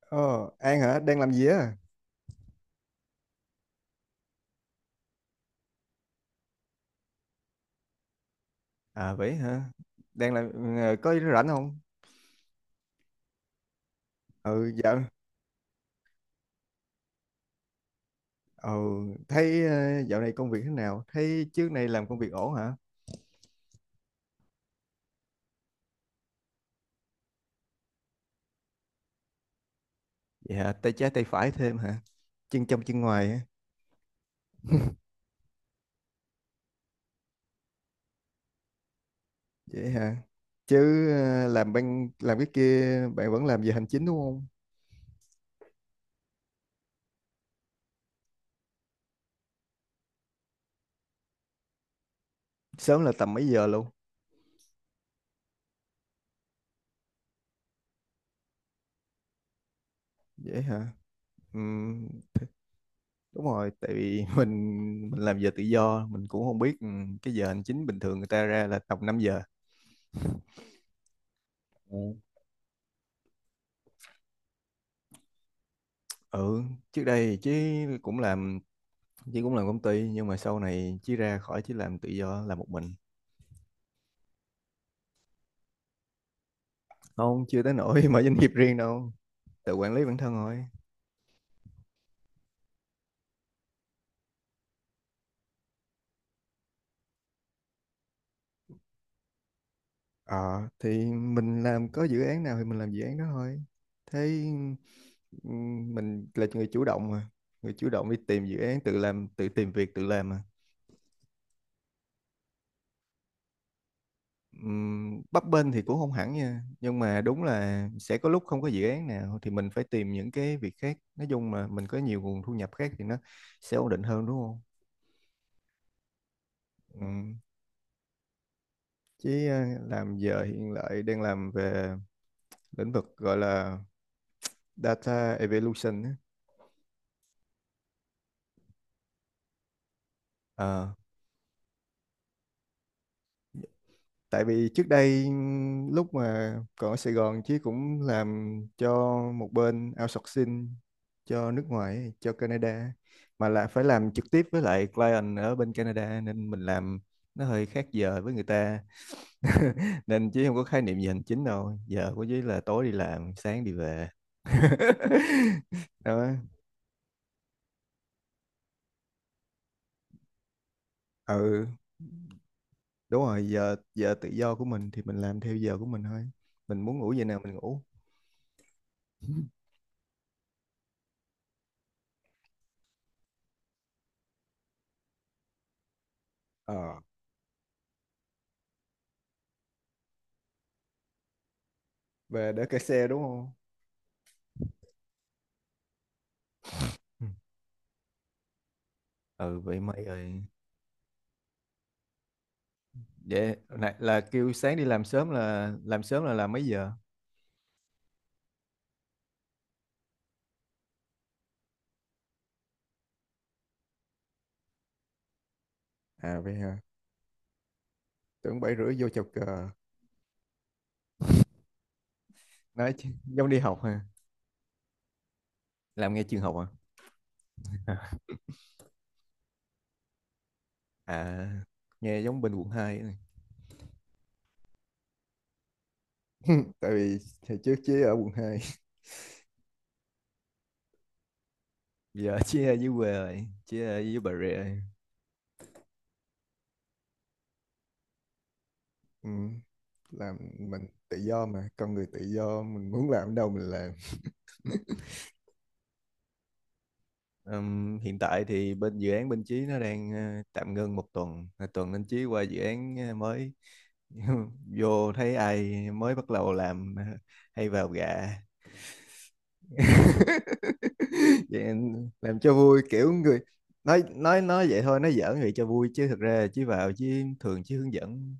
Ờ, An hả? Đang làm gì á? À vậy hả? Đang làm có rảnh không? Ừ dạo ừ thấy ờ, dạo này công việc thế nào? Thấy trước này làm công việc ổn hả? Vậy hả? Tay trái tay phải thêm hả? Chân trong chân ngoài hả? Vậy hả? Làm bên làm cái kia bạn vẫn làm về hành chính đúng không? Sớm là tầm mấy giờ luôn? Vậy hả? Ừm, Đúng rồi, tại vì mình làm giờ tự do, mình cũng không biết cái giờ hành chính bình thường người ta ra là tầm 5 giờ. ừ trước đây cũng làm chứ cũng làm công ty nhưng mà sau này chí ra khỏi, chí làm tự do làm một mình. Không, chưa tới nỗi mở doanh nghiệp riêng đâu. Tự quản lý bản thân thôi. Ờ thì mình làm có dự án nào thì mình làm dự án đó thôi. Thế ừm, mình là người chủ động mà, người chủ động đi tìm dự án, tự làm tự tìm việc tự làm mà. Bấp bênh thì cũng không hẳn nha, nhưng mà đúng là sẽ có lúc không có dự án nào thì mình phải tìm những cái việc khác, nói chung mà mình có nhiều nguồn thu nhập khác thì nó sẽ ổn định hơn đúng không? Ừm, làm giờ hiện lại đang làm về lĩnh vực gọi là data evolution á. Ờ. Tại vì trước đây lúc mà còn ở Sài Gòn, Chí cũng làm cho một bên outsourcing cho nước ngoài, cho Canada, mà là phải làm trực tiếp với lại client ở bên Canada nên mình làm nó hơi khác giờ với người ta. Nên Chí không có khái niệm gì hành chính đâu, giờ của Chí là tối đi làm sáng đi về. đó ừ đúng rồi, giờ giờ tự do của mình thì mình làm theo giờ của mình thôi. Mình muốn ngủ giờ nào mình ngủ. ờ về để cày xe đúng không? Ừ, ừ, vậy mày ơi. Vậy là kêu sáng đi làm sớm, là làm mấy giờ? À vậy hả? Tưởng bảy rưỡi vô chào cờ. Nói chứ, giống đi học ha. Làm nghe trường học à? À, nghe giống bên quận 2 này. Tại vì hồi trước chứ ở quận hai. Giờ chứ ở dưới quê rồi, chứ ở dưới Bà Rịa rồi. ừ, làm mình tự do mà, con người tự do mình muốn làm đâu mình làm. Hiện tại thì bên dự án bên Chí nó đang tạm ngưng 1 tuần. Là tuần anh Chí qua dự án mới vô thấy ai mới bắt đầu làm hay vào gạ. Vậy anh làm cho vui, kiểu người nói vậy thôi, nói giỡn vậy cho vui chứ thực ra Chí vào, chứ thường Chí hướng dẫn,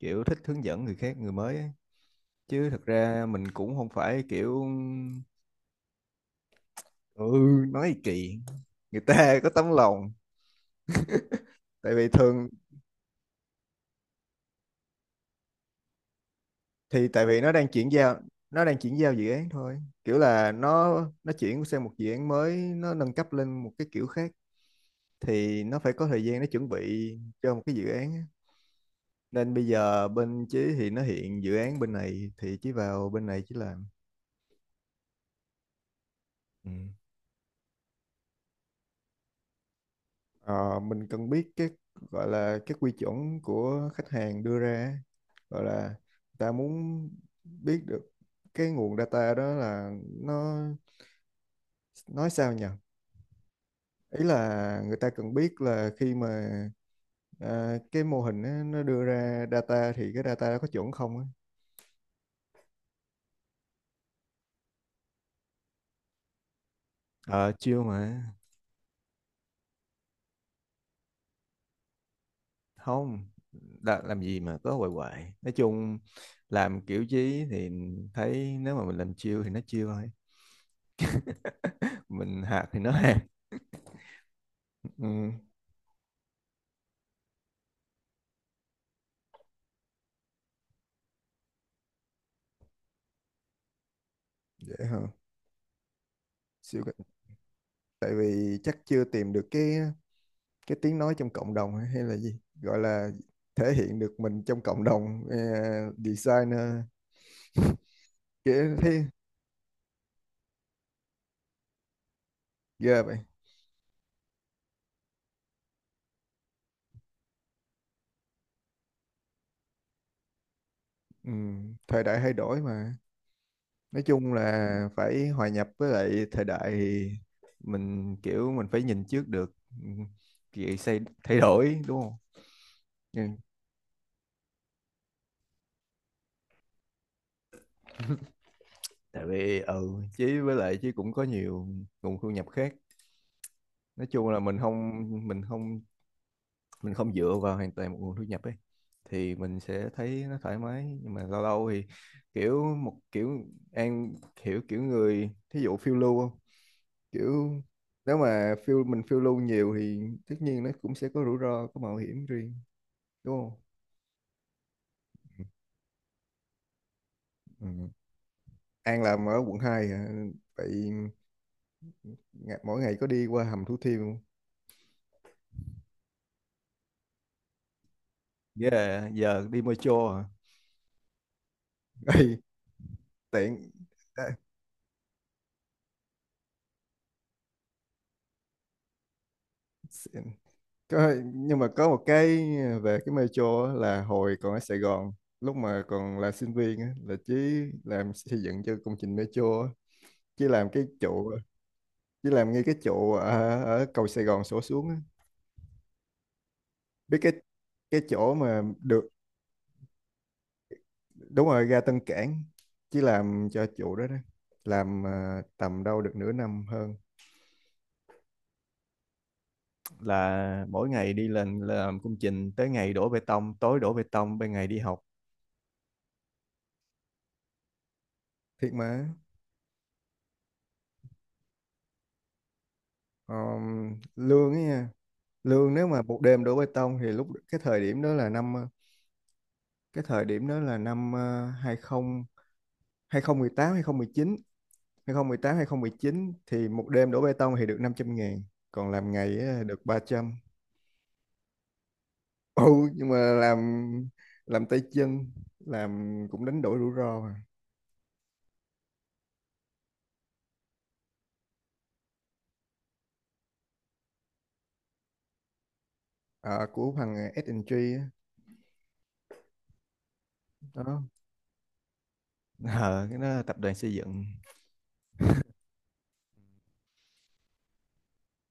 kiểu thích hướng dẫn người khác, người mới á. Chứ thực ra mình cũng không phải kiểu. Ừ nói kỳ, người ta có tấm lòng. Tại vì thường thì tại vì nó đang chuyển giao dự án thôi, kiểu là nó chuyển sang một dự án mới, nó nâng cấp lên một cái kiểu khác thì nó phải có thời gian nó chuẩn bị cho một cái dự án á. Nên bây giờ bên Chí thì nó hiện dự án bên này thì Chí vào bên này Chí làm. Ừ. Ờ, mình cần biết cái gọi là cái quy chuẩn của khách hàng đưa ra á. Gọi là người ta muốn biết được cái nguồn data đó là nó, nói sao nhỉ, ý là người ta cần biết là khi mà cái mô hình á, nó đưa ra data thì cái data đó có chuẩn không á. Ờ, chưa mà. Không, đã, làm gì mà có hoài hoài. Nói chung, làm kiểu chí thì thấy nếu mà mình làm chiêu thì nó chiêu thôi. Mình hạt thì nó hạt. ừ, dễ hả? siêu cái- Tại vì chắc chưa tìm được cái tiếng nói trong cộng đồng, hay hay là gì, gọi là thể hiện được mình trong cộng đồng designer, kia thế. Ghê vậy. Ừ, thời đại thay đổi mà. Nói chung là phải hòa nhập với lại thời đại thì mình kiểu mình phải nhìn trước được, ừ, vậy xây thay đổi đúng không? Ừ. Tại vì chứ với lại, chứ cũng có nhiều nguồn thu nhập khác. Nói chung là mình không mình không dựa vào hoàn toàn một nguồn thu nhập ấy thì mình sẽ thấy nó thoải mái, nhưng mà lâu lâu thì kiểu một kiểu, an hiểu kiểu người thí dụ phiêu lưu, kiểu nếu mà mình phiêu lưu nhiều thì tất nhiên nó cũng sẽ có rủi ro, có mạo hiểm riêng đúng không? Ừ. An làm ở quận 2 hả? Vậy mỗi ngày có đi qua hầm Thủ Thiêm không? Yeah, giờ đi metro à? Ê, tiện. À, xịn. Có, nhưng mà có một cái về cái metro á, là hồi còn ở Sài Gòn lúc mà còn là sinh viên á, là Chí làm xây dựng cho công trình metro á. Chí làm cái trụ Chí làm ngay cái trụ ở cầu Sài Gòn sổ xuống á. Biết cái chỗ mà được. Đúng rồi, ra Tân Cảng. Chỉ làm cho chủ đó đó, làm tầm đâu được nửa năm hơn. Là mỗi ngày đi lên làm công trình, tới ngày đổ bê tông tối đổ bê tông, ban ngày đi học. Thiệt mà. Lương ấy nha, lương nếu mà một đêm đổ bê tông thì lúc cái thời điểm đó là năm cái thời điểm đó là năm hai hai hai, 2018 2019, tám hai 2019 2018 chín, thì một đêm đổ bê tông thì được 500.000. Còn làm ngày á, được 300. Ừ nhưng mà làm tay chân, làm cũng đánh đổi rủi ro mà. Ờ, của thằng S&G á, đó. Ờ, cái đó là tập đoàn xây dựng.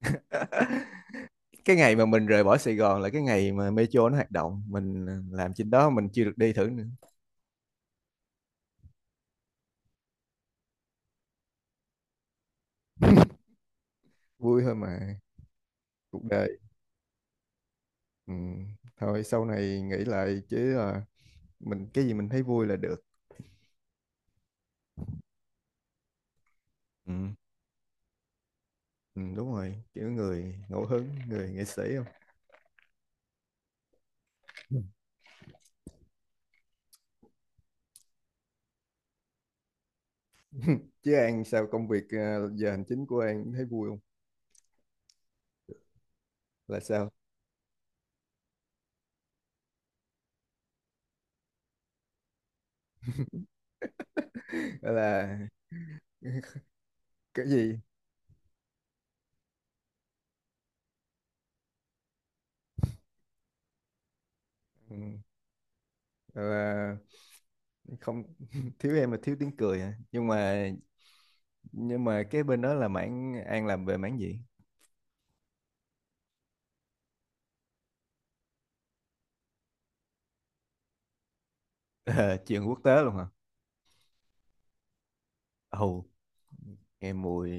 Cái ngày mà mình rời bỏ Sài Gòn là cái ngày mà Metro nó hoạt động, mình làm trên đó mình chưa được đi thử nữa. Vui thôi mà, cuộc đời. Ừ. Thôi sau này nghĩ lại chứ, mình cái gì mình thấy vui là được. Ừ. Ừ, đúng rồi, kiểu người ngẫu hứng người nghệ sĩ không? Ừ. Chứ An sao công việc giờ hành chính của An thấy vui không? Là sao? Gọi là cái gì. Ừ, gọi là không thiếu em là thiếu tiếng cười hả? Nhưng mà cái bên đó là mảng An làm về mảng gì? Ờ, chuyện quốc tế luôn hả? Ồ. Nghe mùi.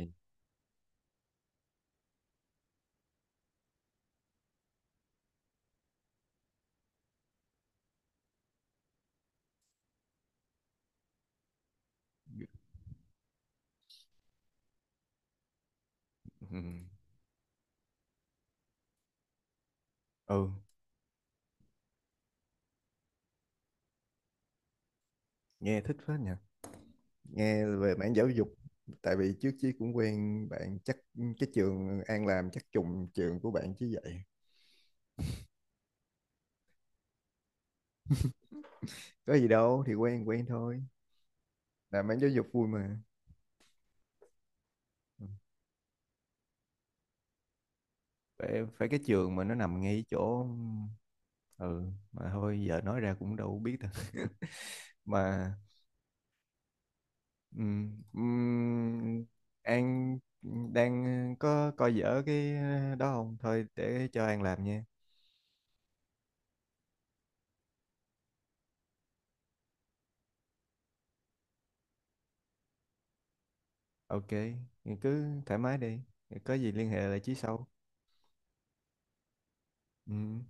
Ừ, ừ. Nghe thích phết nhỉ. Nghe về mảng giáo dục. Tại vì trước chí cũng quen bạn, chắc cái trường An làm chắc trùng trường của bạn chứ vậy. Có gì đâu, thì quen quen thôi. Làm mảng giáo dục vui mà. Ừ. Phải, phải cái trường mà nó nằm ngay chỗ. Ừ. Mà thôi giờ nói ra cũng đâu biết đâu. mà ừm, ừm, An đang có coi dở cái đó không, thôi để cho An làm nha. Ok, thì cứ thoải mái đi, có gì liên hệ lại Chí sau. Ừm.